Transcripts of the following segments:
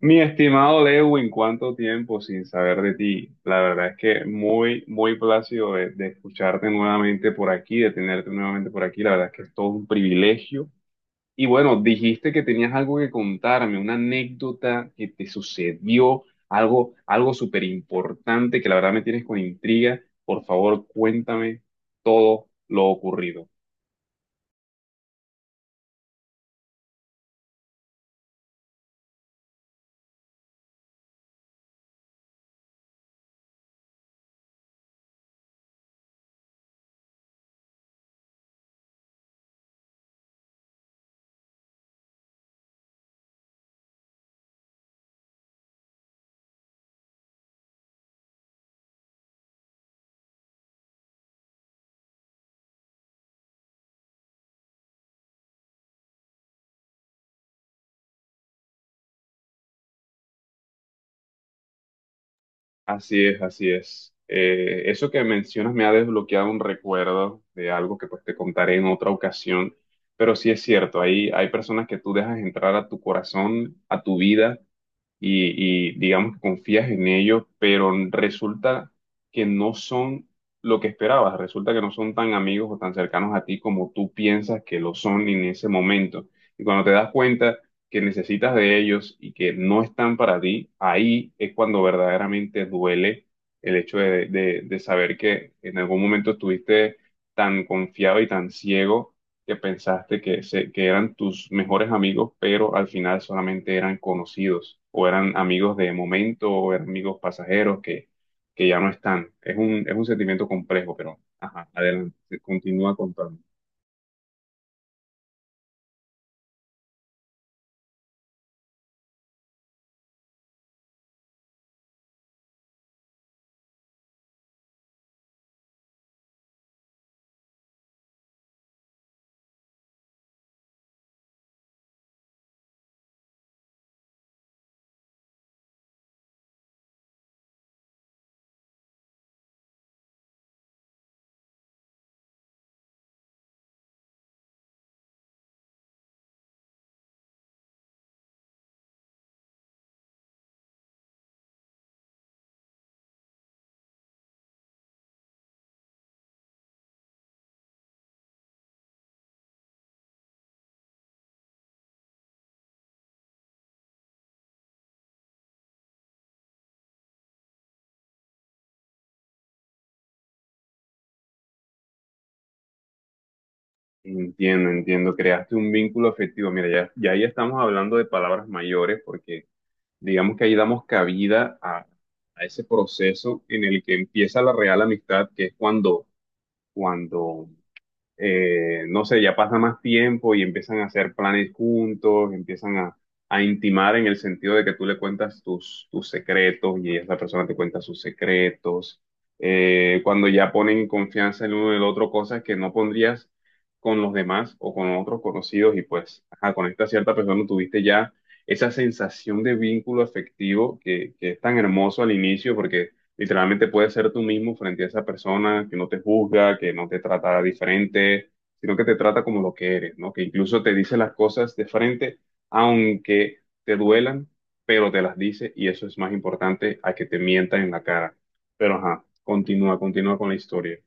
Mi estimado Lewin, cuánto tiempo sin saber de ti. La verdad es que muy, muy plácido de escucharte nuevamente por aquí, de tenerte nuevamente por aquí. La verdad es que es todo un privilegio. Y bueno, dijiste que tenías algo que contarme, una anécdota que te sucedió, algo súper importante que la verdad me tienes con intriga. Por favor, cuéntame todo lo ocurrido. Así es, así es. Eso que mencionas me ha desbloqueado un recuerdo de algo que pues te contaré en otra ocasión, pero sí es cierto, ahí hay personas que tú dejas entrar a tu corazón, a tu vida, y digamos que confías en ellos, pero resulta que no son lo que esperabas, resulta que no son tan amigos o tan cercanos a ti como tú piensas que lo son en ese momento. Y cuando te das cuenta que necesitas de ellos y que no están para ti, ahí es cuando verdaderamente duele el hecho de saber que en algún momento estuviste tan confiado y tan ciego que pensaste que eran tus mejores amigos, pero al final solamente eran conocidos o eran amigos de momento o eran amigos pasajeros que ya no están. Es un sentimiento complejo, pero ajá, adelante, sí, continúa contando. Entiendo, entiendo, creaste un vínculo afectivo. Mira, ya, ya ahí estamos hablando de palabras mayores porque digamos que ahí damos cabida a ese proceso en el que empieza la real amistad, que es cuando, cuando, no sé, ya pasa más tiempo y empiezan a hacer planes juntos, empiezan a intimar en el sentido de que tú le cuentas tus secretos y esa persona te cuenta sus secretos. Cuando ya ponen en confianza el uno en el otro, cosas que no pondrías con los demás o con otros conocidos y pues ajá, con esta cierta persona tuviste ya esa sensación de vínculo afectivo que es tan hermoso al inicio porque literalmente puedes ser tú mismo frente a esa persona que no te juzga, que no te trata diferente, sino que te trata como lo que eres, ¿no? Que incluso te dice las cosas de frente, aunque te duelan, pero te las dice y eso es más importante a que te mientan en la cara. Pero ajá, continúa, continúa con la historia.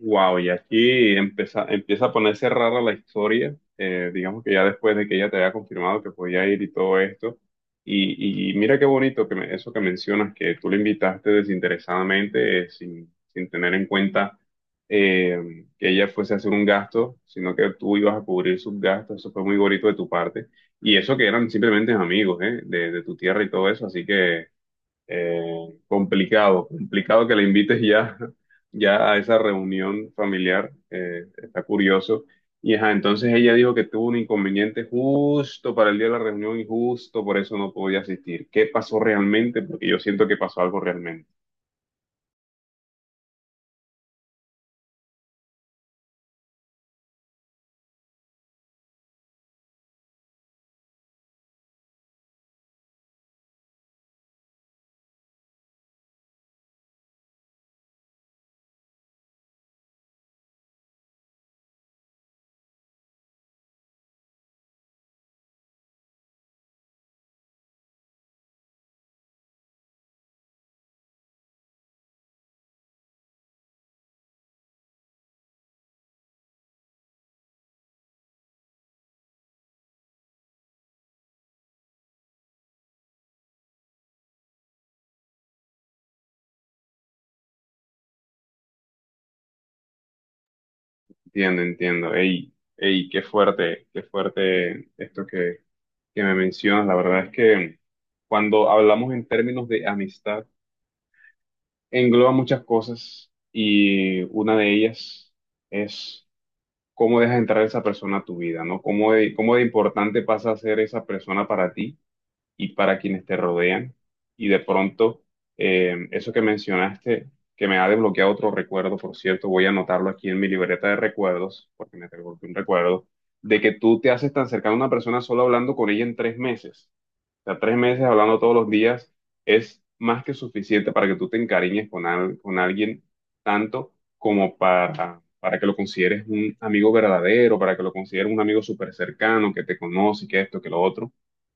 Wow, y aquí empieza a ponerse rara la historia, digamos que ya después de que ella te haya confirmado que podía ir y todo esto. Y mira qué bonito eso que mencionas, que tú le invitaste desinteresadamente, sin tener en cuenta que ella fuese a hacer un gasto, sino que tú ibas a cubrir sus gastos, eso fue muy bonito de tu parte. Y eso que eran simplemente amigos, de tu tierra y todo eso, así que... Eh, complicado, complicado que le invites ya, ya a esa reunión familiar, está curioso. Y ajá, entonces ella dijo que tuvo un inconveniente justo para el día de la reunión y justo por eso no podía asistir. ¿Qué pasó realmente? Porque yo siento que pasó algo realmente. Entiendo, entiendo. Ey, ey, qué fuerte esto que me mencionas. La verdad es que cuando hablamos en términos de amistad, engloba muchas cosas y una de ellas es cómo dejas entrar a esa persona a tu vida, ¿no? Cómo de importante pasa a ser esa persona para ti y para quienes te rodean. Y de pronto, eso que mencionaste, que me ha desbloqueado otro recuerdo, por cierto, voy a anotarlo aquí en mi libreta de recuerdos, porque me desbloqueó un recuerdo, de que tú te haces tan cercano a una persona solo hablando con ella en tres meses. O sea, tres meses hablando todos los días es más que suficiente para que tú te encariñes con alguien tanto como para, que lo consideres un amigo verdadero, para que lo consideres un amigo súper cercano, que te conoce, que esto, que lo otro.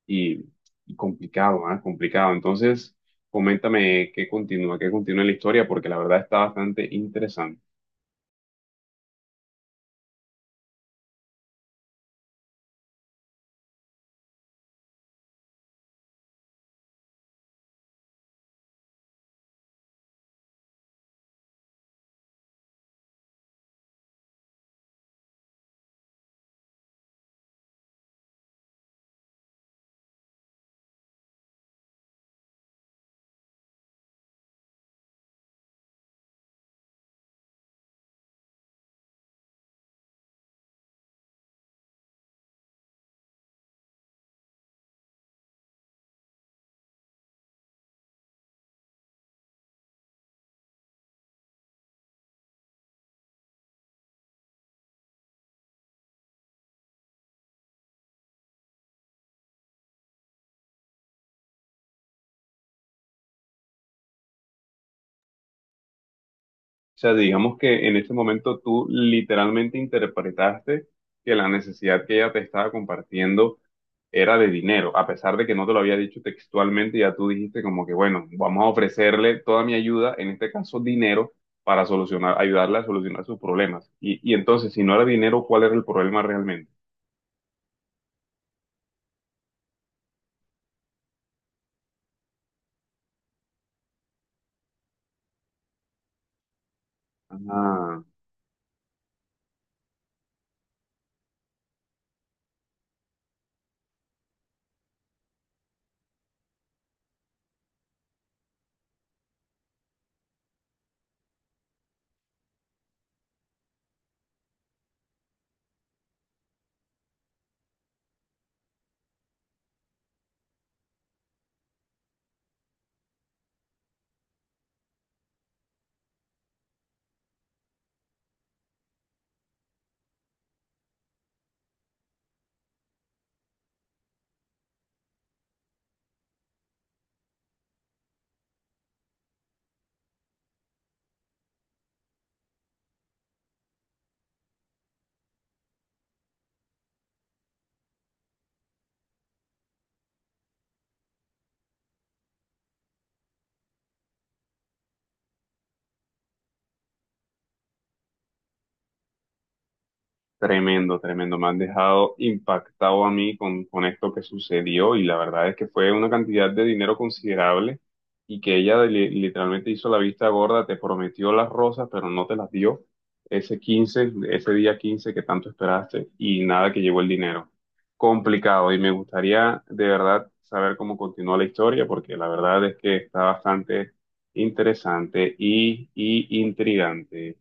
Y, y complicado, ¿ah? Complicado. Entonces, coméntame qué continúa la historia, porque la verdad está bastante interesante. O sea, digamos que en este momento tú literalmente interpretaste que la necesidad que ella te estaba compartiendo era de dinero, a pesar de que no te lo había dicho textualmente, ya tú dijiste como que, bueno, vamos a ofrecerle toda mi ayuda, en este caso dinero, para solucionar, ayudarle a solucionar sus problemas. Y entonces, si no era dinero, ¿cuál era el problema realmente? Ah. Tremendo, tremendo. Me has dejado impactado a mí con esto que sucedió y la verdad es que fue una cantidad de dinero considerable y que ella literalmente hizo la vista gorda, te prometió las rosas, pero no te las dio ese 15, ese día 15 que tanto esperaste y nada que llegó el dinero. Complicado y me gustaría de verdad saber cómo continuó la historia porque la verdad es que está bastante interesante y intrigante.